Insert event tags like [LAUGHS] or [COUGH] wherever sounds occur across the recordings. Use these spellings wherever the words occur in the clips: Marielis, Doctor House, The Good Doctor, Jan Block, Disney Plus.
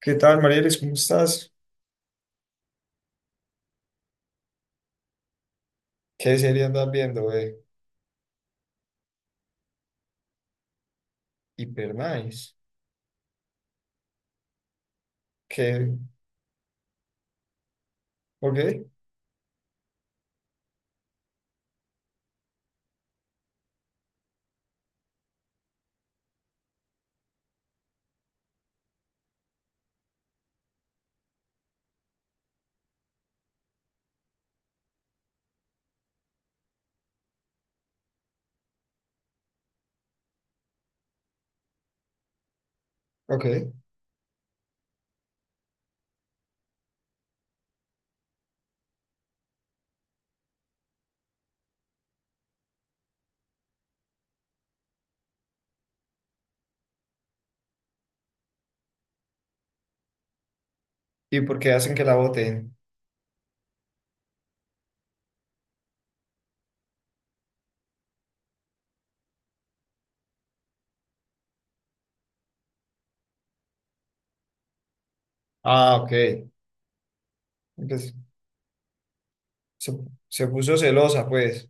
¿Qué tal, Marielis? ¿Cómo estás? ¿Qué serie andas viendo, Hiper nice. ¿Qué? ¿Ok? ¿Ok? ¿Y por qué hacen que la voten? Ah, ok. Entonces, se, se puso celosa, pues.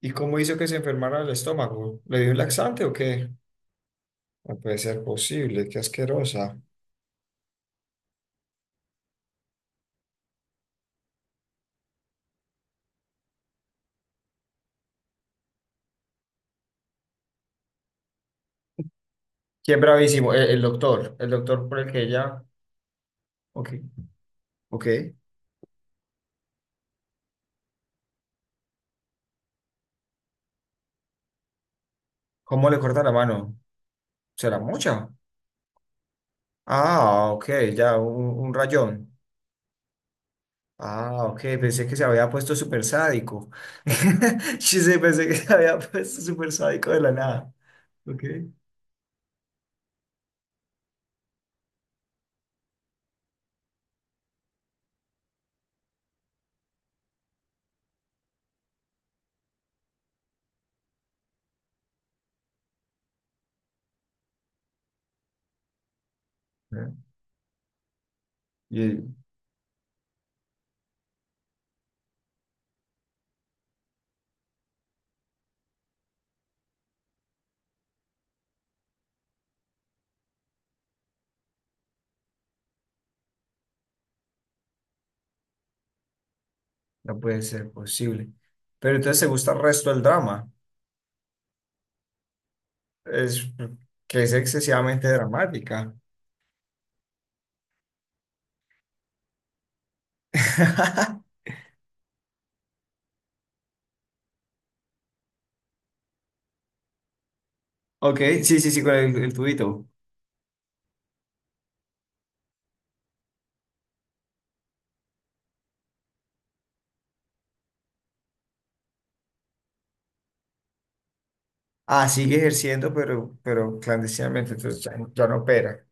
¿Y cómo hizo que se enfermara el estómago? ¿Le dio un laxante o qué? No puede ser posible, qué asquerosa. ¿Quién bravísimo? El doctor. El doctor por el que ella. Ok. Ok. ¿Cómo le corta la mano? ¿Será mucha? Ah, ok, ya, un rayón. Ah, ok, pensé que se había puesto súper sádico. [LAUGHS] Sí, sí, pensé que se había puesto súper sádico de la nada. Ok. Ah, y no puede ser posible. Pero entonces te gusta el resto del drama. Es que es excesivamente dramática. [LAUGHS] Ok, sí, sí, sí, con el tubito. Ah, sigue ejerciendo, pero clandestinamente, entonces ya, ya no opera.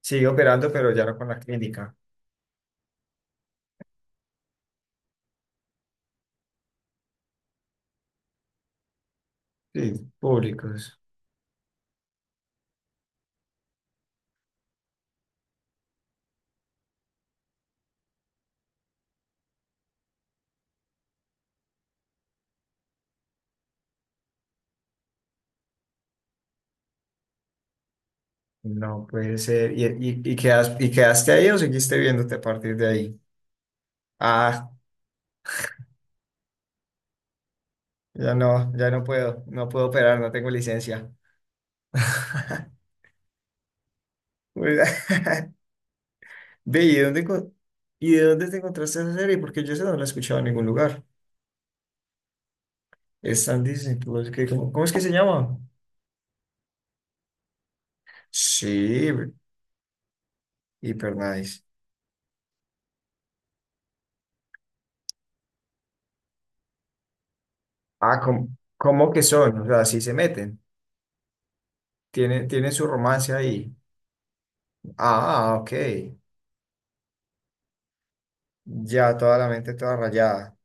Sigue operando, pero ya no con la clínica. Sí, públicos. No puede ser. ¿ y quedaste ahí o seguiste viéndote a partir de ahí? Ah, ya no, ya no puedo, no puedo operar, no tengo licencia. [LAUGHS] Pues, [LAUGHS] Ve, y de dónde te encontraste esa serie? Porque yo esa no la he escuchado en ningún lugar. Es tan Disney Plus que ¿cómo, cómo es que se llama? Sí, hiper nice. Ah, ¿cómo, cómo que son? O sea, sí se meten. Tienen, tienen su romance ahí. Ah, ok. Ya toda la mente toda rayada.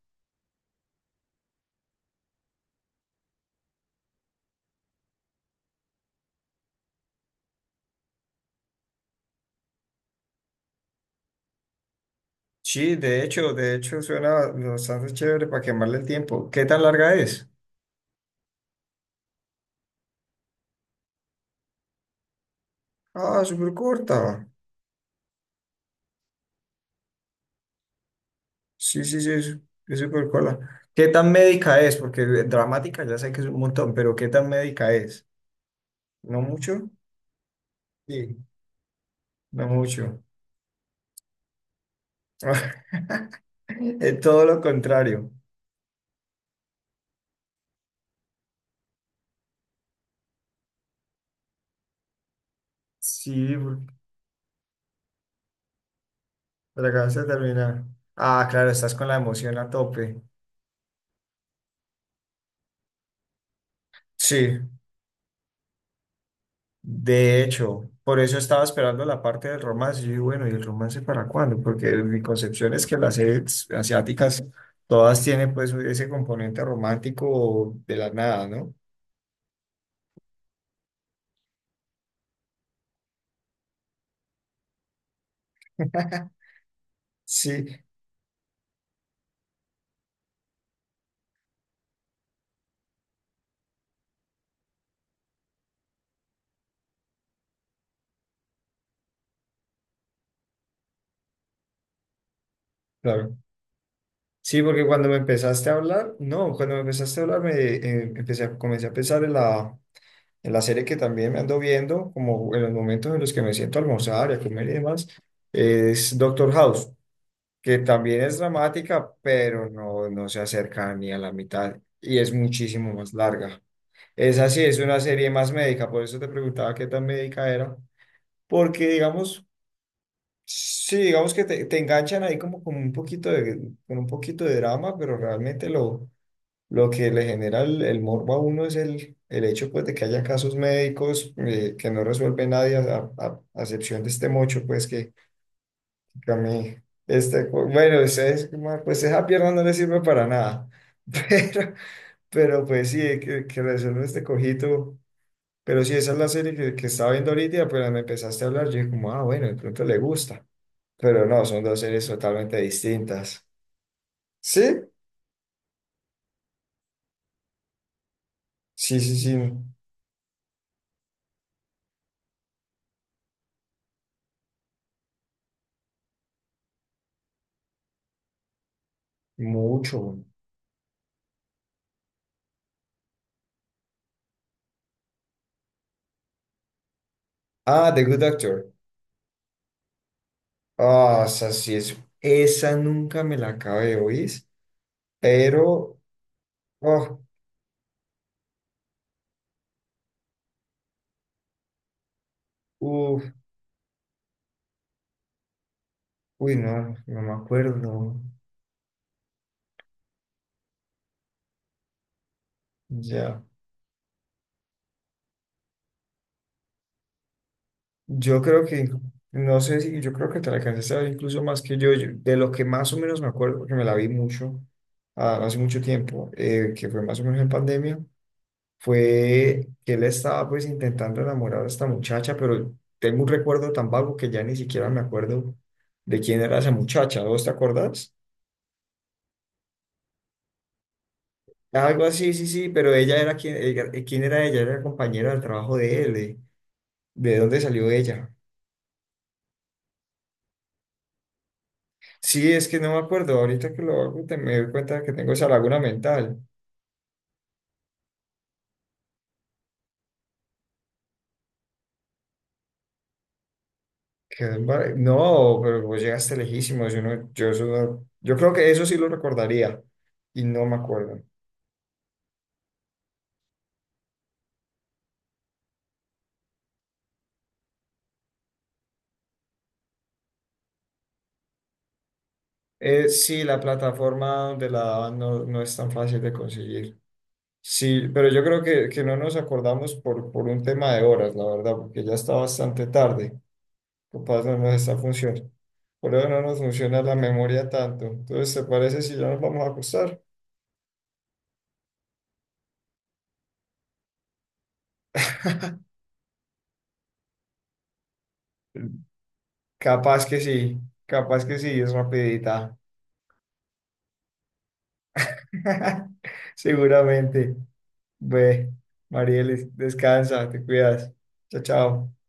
Sí, de hecho suena bastante chévere para quemarle el tiempo. ¿Qué tan larga es? Ah, súper corta. Sí, sí, sí, es súper corta. ¿Qué tan médica es? Porque dramática ya sé que es un montón, pero ¿qué tan médica es? ¿No mucho? Sí, no mucho. [LAUGHS] Es todo lo contrario. Sí, por- pero acabas de terminar. Ah, claro, estás con la emoción a tope. Sí, de hecho, por eso estaba esperando la parte del romance. Yo digo, bueno, ¿y el romance para cuándo? Porque mi concepción es que las series asiáticas todas tienen pues ese componente romántico de la nada, ¿no? [LAUGHS] Sí, claro. Sí, porque cuando me empezaste a hablar, no, cuando me empezaste a hablar, comencé a pensar en en la serie que también me ando viendo, como en los momentos en los que me siento a almorzar y a comer y demás, es Doctor House, que también es dramática, pero no, no se acerca ni a la mitad y es muchísimo más larga. Esa sí es una serie más médica, por eso te preguntaba qué tan médica era, porque digamos, sí, digamos que te enganchan ahí como con un poquito de, con un poquito de drama, pero realmente lo que le genera el morbo a uno es el hecho pues de que haya casos médicos que no resuelve nadie a excepción de este mocho, pues. Cami, este, bueno, es como, pues esa pierna no le sirve para nada, [LAUGHS] pero, pero pues sí, que resuelve este cojito, pero sí, esa es la serie que estaba viendo ahorita, y apenas me empezaste a hablar, yo dije como, ah, bueno, de pronto le gusta, pero no, son dos series totalmente distintas. ¿Sí? Sí, sí, sí, mucho. Ah, The Good Doctor. Ah, esa sí es, esa nunca me la acabé de oír, pero, oh, uf, uy, no, no me acuerdo. Ya. Yo creo que, no sé si, yo creo que te la alcanzaste a ver incluso más que yo, de lo que más o menos me acuerdo, porque me la vi mucho, ah, hace mucho tiempo, que fue más o menos en pandemia, fue que él estaba pues intentando enamorar a esta muchacha, pero tengo un recuerdo tan vago que ya ni siquiera me acuerdo de quién era esa muchacha, ¿vos te acordás? Algo así, sí, sí, pero ella era quien, ¿quién era ella? Era compañera del trabajo de él, ¿de dónde salió ella? Sí, es que no me acuerdo. Ahorita que lo hago, te me doy cuenta que tengo esa laguna mental. No, pero vos llegaste lejísimos. Yo, no- yo, eso yo creo que eso sí lo recordaría y no me acuerdo. Sí, la plataforma donde la daban no, no es tan fácil de conseguir. Sí, pero yo creo que no nos acordamos por un tema de horas, la verdad, porque ya está bastante tarde. Capaz no nos está funcionando. Por eso no nos funciona la memoria tanto. Entonces, ¿te parece si ya nos vamos a acostar? [LAUGHS] Capaz que sí, capaz que sí, es rapidita. [LAUGHS] Seguramente. Ve, Marielis, descansa, te cuidas. Chao, chao.